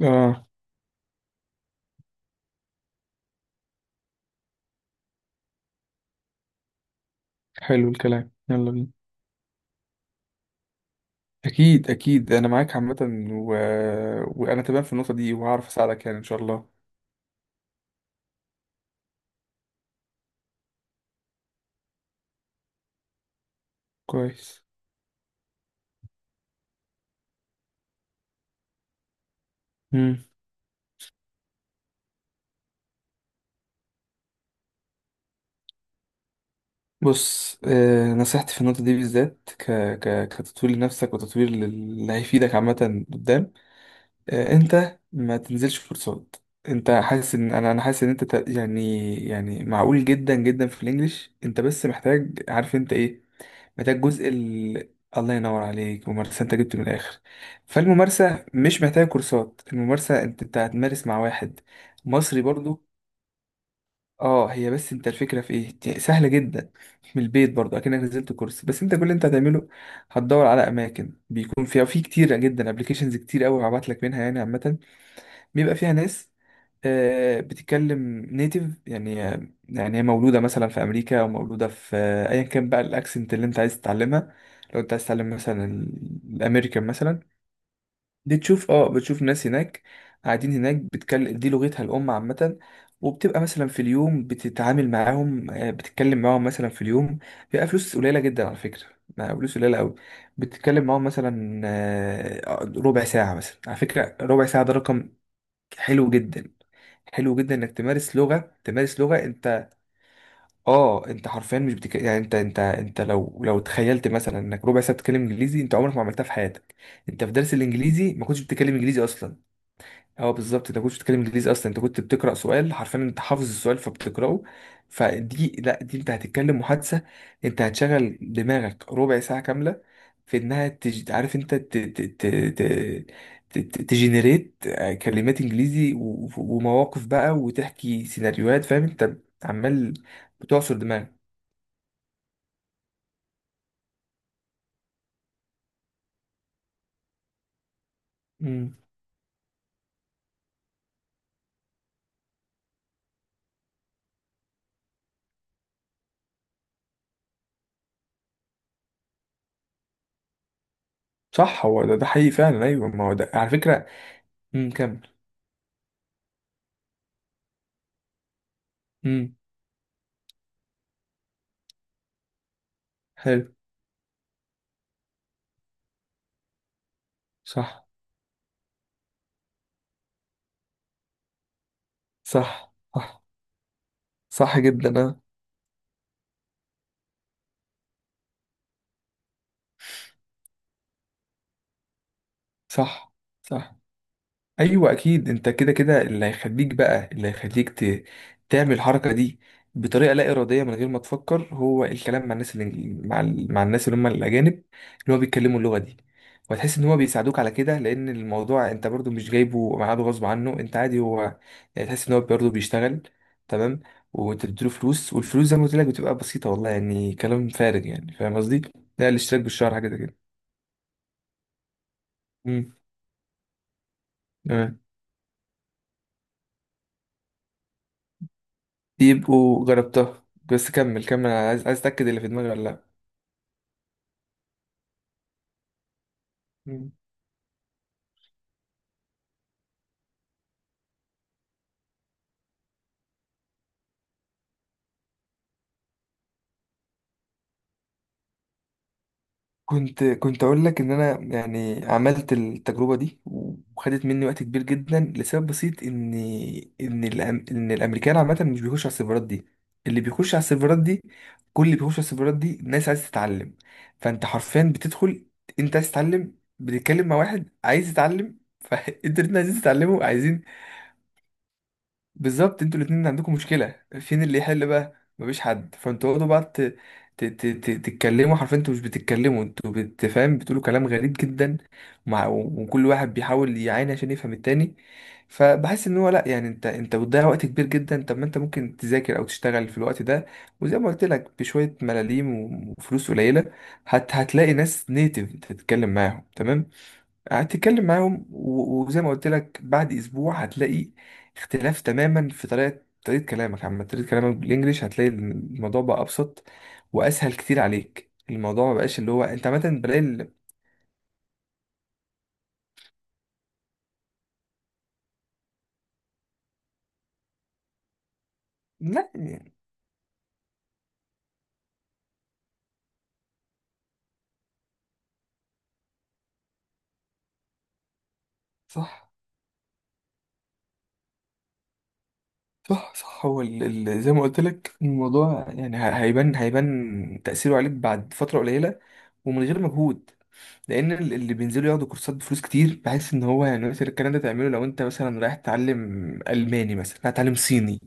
اه حلو الكلام، يلا بينا. اكيد اكيد، انا معاك عامه. و... وانا تمام في النقطه دي، وهعرف اساعدك يعني ان شاء الله. كويس. مم. بص، آه نصيحتي في النقطه دي بالذات ك... ك... كتطوير لنفسك، وتطوير اللي هيفيدك عامه قدام. آه انت ما تنزلش كورسات. انت حاسس ان انا حاسس ان انت يعني معقول جدا جدا في الانجليش، انت بس محتاج، عارف انت ايه؟ ده الجزء الله ينور عليك، ممارسة، انت جبت من الاخر. فالممارسة مش محتاجة كورسات، الممارسة انت هتمارس مع واحد مصري برضو. اه، هي بس انت الفكرة في ايه؟ دي سهلة جدا، من البيت برضو، اكنك نزلت كورس، بس انت كل اللي انت هتعمله هتدور على اماكن بيكون فيها في كتير جدا ابلكيشنز كتير قوي هبعت لك منها يعني عامة. بيبقى فيها ناس بتتكلم نيتيف يعني، يعني هي مولودة مثلا في أمريكا أو مولودة في أيا كان بقى الأكسنت اللي أنت عايز تتعلمها. لو أنت عايز تتعلم مثلا الأمريكان مثلا، بتشوف بتشوف ناس هناك قاعدين هناك، بتتكلم دي لغتها الأم عامة. وبتبقى مثلا في اليوم بتتعامل معاهم، بتتكلم معاهم مثلا في اليوم، بيبقى فلوس قليلة جدا على فكرة، بقى فلوس قليلة أوي. بتتكلم معاهم مثلا ربع ساعة، مثلا على فكرة ربع ساعة ده رقم حلو جدا. حلو جدا انك تمارس لغه، تمارس لغه. انت اه انت حرفيا مش بتك... يعني انت انت لو تخيلت مثلا انك ربع ساعه بتتكلم انجليزي، انت عمرك ما عملتها في حياتك. انت في درس الانجليزي ما كنتش بتتكلم انجليزي اصلا. اه بالظبط، انت كنت بتتكلم انجليزي اصلا؟ انت كنت بتقرا سؤال حرفيا، انت حافظ السؤال فبتقراه. فدي لا، دي انت هتتكلم محادثه، انت هتشغل دماغك ربع ساعه كامله في انها عارف انت تجنريت كلمات انجليزي ومواقف بقى، وتحكي سيناريوهات، فاهم انت؟ عمال بتعصر دماغك. امم، صح هو ده حقيقي فعلا. ايوه ما هو ده على فكره. امم، كمل. امم. حلو. صح، صح، صح، صح جدا آه. صح، صح. ايوه اكيد، انت كده كده اللي هيخليك بقى، اللي هيخليك تعمل الحركه دي بطريقه لا اراديه، من غير ما تفكر، هو الكلام مع الناس اللي مع الناس اللي هم الاجانب اللي هو بيتكلموا اللغه دي. وهتحس ان هو بيساعدوك على كده، لان الموضوع انت برضو مش جايبه معاده غصب عنه، انت عادي، هو يعني تحس ان هو برضو بيشتغل. تمام. وانت بتديله فلوس، والفلوس زي ما قلت لك بتبقى بسيطه والله، يعني كلام فارغ يعني. فاهم قصدي؟ ده الاشتراك بالشهر حاجه زي كده. امم. يبقوا جربتها، بس كمل كمل، انا عايز، عايز اتاكد اللي في دماغي ولا لا. مم. كنت اقول لك ان انا يعني عملت التجربه دي، وخدت مني وقت كبير جدا، لسبب بسيط ان ان الامريكان عامه مش بيخش على السيرفرات دي. اللي بيخش على السيرفرات دي، كل اللي بيخش على السيرفرات دي ناس عايز تتعلم. فانت حرفيا بتدخل، انت عايز تتعلم، بتتكلم مع واحد عايز يتعلم، فانت الاتنين عايزين تتعلموا، عايزين. بالظبط، انتوا الاتنين عندكم مشكلة. فين اللي يحل بقى؟ مفيش حد. فانتوا اقعدوا بقى تتكلموا. حرفيا انتوا مش بتتكلموا، انتوا بتفهم، بتقولوا كلام غريب جدا. مع... وكل واحد بيحاول يعاني عشان يفهم التاني، فبحس ان هو لا، يعني انت بتضيع وقت كبير جدا. طب ما انت ممكن تذاكر او تشتغل في الوقت ده، وزي ما قلت لك بشوية ملاليم وفلوس قليلة. هتلاقي ناس نيتف تتكلم معاهم تمام، هتتكلم معاهم وزي ما قلت لك بعد اسبوع هتلاقي اختلاف تماما في طريقه كلامك عامه، طريقه كلامك بالانجليش. هتلاقي الموضوع بقى ابسط واسهل كتير عليك، الموضوع ما بقاش اللي هو، انت عامه بلاقي لا يعني. صح، صح، صح، هو زي ما قلت لك الموضوع يعني هيبان تأثيره عليك بعد فترة قليلة، ومن غير مجهود. لأن اللي بينزلوا ياخدوا كورسات بفلوس كتير، بحس إن هو يعني مثلا الكلام ده تعمله لو أنت مثلا رايح تتعلم ألماني مثلا، هتتعلم صيني.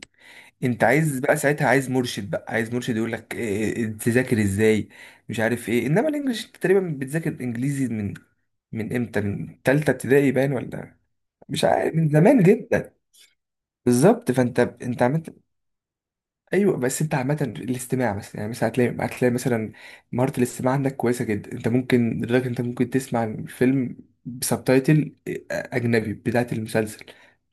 أنت عايز بقى ساعتها، عايز مرشد بقى، عايز مرشد يقول لك إيه- إيه، إيه، تذاكر إزاي، مش عارف إيه. إنما الإنجليش أنت تقريبا بتذاكر إنجليزي من، من امتى، من تالتة ابتدائي باين ولا مش عارف، من زمان جدا. بالظبط، فانت عملت، ايوه بس انت عامه الاستماع مثلا، يعني مثلا هتلاقي مثلا مهاره الاستماع عندك كويسه جدا، انت ممكن لدرجه انت ممكن تسمع الفيلم بسبتايتل اجنبي بتاعه المسلسل،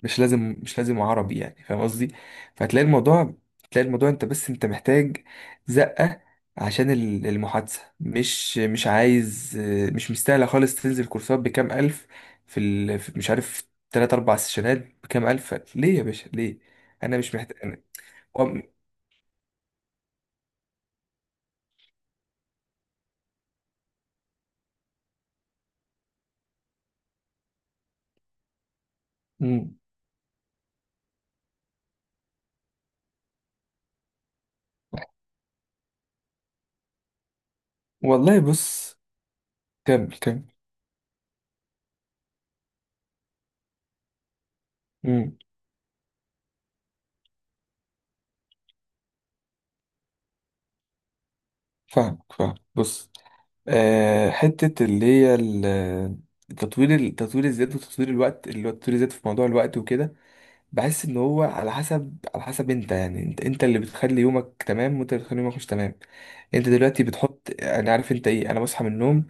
مش لازم، مش لازم عربي يعني. فاهم قصدي؟ فهتلاقي الموضوع، تلاقي الموضوع، انت بس انت محتاج زقه عشان المحادثه. مش، مش عايز، مش مستاهله خالص تنزل كورسات بكام الف، في، في مش عارف تلات اربع سيشنات بكام الف، ليه يا باشا ليه؟ انا مش محتاج. مم. والله بص، كمل كمل. مم. فاهمك، فاهم. بص آه، حتة اللي هي التطوير، التطوير الذات وتطوير الوقت، اللي هو التطوير الذات في موضوع الوقت وكده. بحس ان هو على حسب، على حسب انت يعني، انت اللي بتخلي يومك تمام، وانت اللي بتخلي يومك مش تمام. انت دلوقتي بتحط، انا عارف انت ايه، انا بصحى من النوم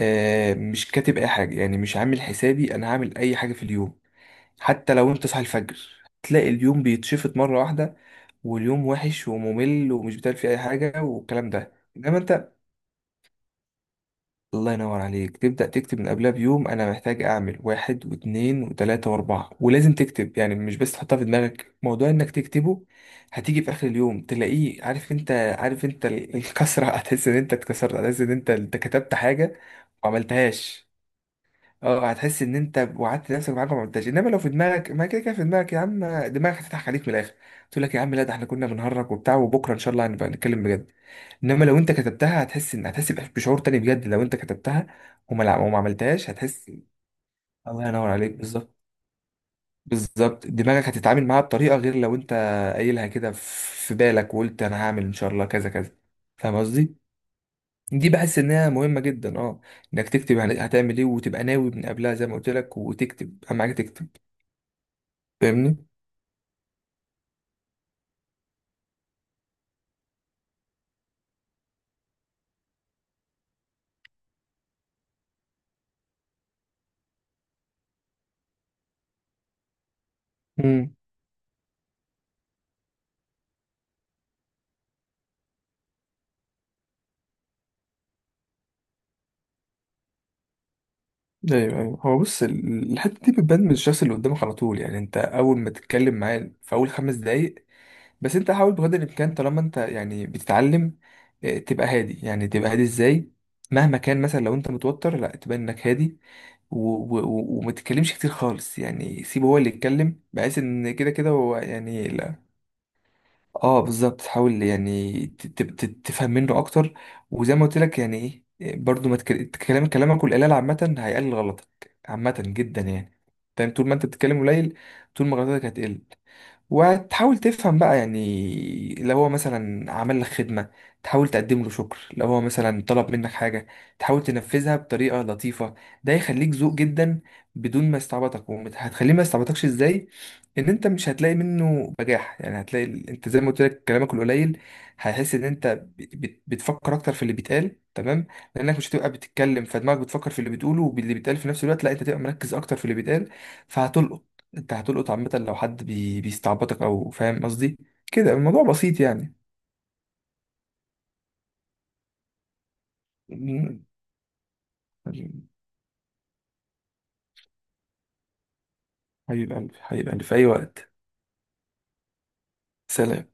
آه، مش كاتب اي حاجه، يعني مش عامل حسابي انا هعمل اي حاجه في اليوم. حتى لو انت صاحي الفجر، تلاقي اليوم بيتشفط مره واحده، واليوم وحش وممل ومش بتعمل فيه اي حاجه والكلام ده. انما انت الله ينور عليك تبدا تكتب من قبلها بيوم، انا محتاج اعمل واحد واثنين وثلاثه واربعه، ولازم تكتب يعني، مش بس تحطها في دماغك، موضوع انك تكتبه هتيجي في اخر اليوم تلاقيه عارف انت، عارف انت الكسره. هتحس ان انت اتكسرت، هتحس ان انت كتبت حاجه وما عملتهاش. اه هتحس ان انت وعدت نفسك بحاجه ما عدتهاش. انما لو في دماغك، ما كده كده في دماغك يا عم، دماغك هتضحك عليك من الاخر، تقول لك يا عم لا، ده احنا كنا بنهرج وبتاع، وبكره ان شاء الله هنبقى نتكلم بجد. انما لو انت كتبتها هتحس ان، هتحس بشعور تاني بجد لو انت كتبتها وما عملتهاش هتحس. الله ينور عليك، بالظبط، بالظبط. دماغك هتتعامل معاها بطريقه غير، لو انت قايلها كده في بالك وقلت انا هعمل ان شاء الله كذا كذا. فاهم قصدي؟ دي بحس انها مهمه جدا، اه انك تكتب يعني هتعمل ايه، وتبقى ناوي من قبلها زي ما قلت لك، وتكتب اهم حاجه تكتب. فاهمني؟ امم. ايوه، ايوه هو بص، الحته دي بتبان من الشخص اللي قدامك على طول، يعني انت اول ما تتكلم معاه في اول 5 دقايق بس. انت حاول بقدر الامكان طالما انت يعني بتتعلم، تبقى هادي. يعني تبقى هادي ازاي؟ مهما كان مثلا لو انت متوتر، لا تبان انك هادي، و- و- و- وما تتكلمش كتير خالص، يعني سيبه هو اللي يتكلم، بحيث ان كده كده هو يعني. اه بالظبط، حاول يعني تفهم منه اكتر، وزي ما قلت لك يعني ايه، برضو ما تك- كلام، كلامك والقلال عامة هيقلل غلطك. عامة جدا يعني. فاهم؟ طول ما انت بتتكلم قليل، طول ما غلطاتك هتقل، وتحاول تفهم بقى يعني. لو هو مثلا عمل لك خدمة، تحاول تقدم له شكر، لو هو مثلا طلب منك حاجة تحاول تنفذها بطريقة لطيفة، ده يخليك ذوق جدا، بدون ما يستعبطك. وهتخليه ما يستعبطكش ازاي؟ ان انت مش هتلاقي منه بجاح يعني، هتلاقي انت زي ما قلت لك، كلامك القليل هيحس ان انت بتفكر اكتر في اللي بيتقال تمام. لانك مش هتبقى بتتكلم، فدماغك بتفكر في اللي بتقوله واللي بيتقال في نفس الوقت، لا انت تبقى مركز اكتر في اللي بيتقال، فهتلقط. انت هتلقط عامة، لو حد بيستعبطك او، فاهم قصدي؟ كده الموضوع بسيط يعني. حبيب قلبي، حبيب قلبي في اي وقت. سلام.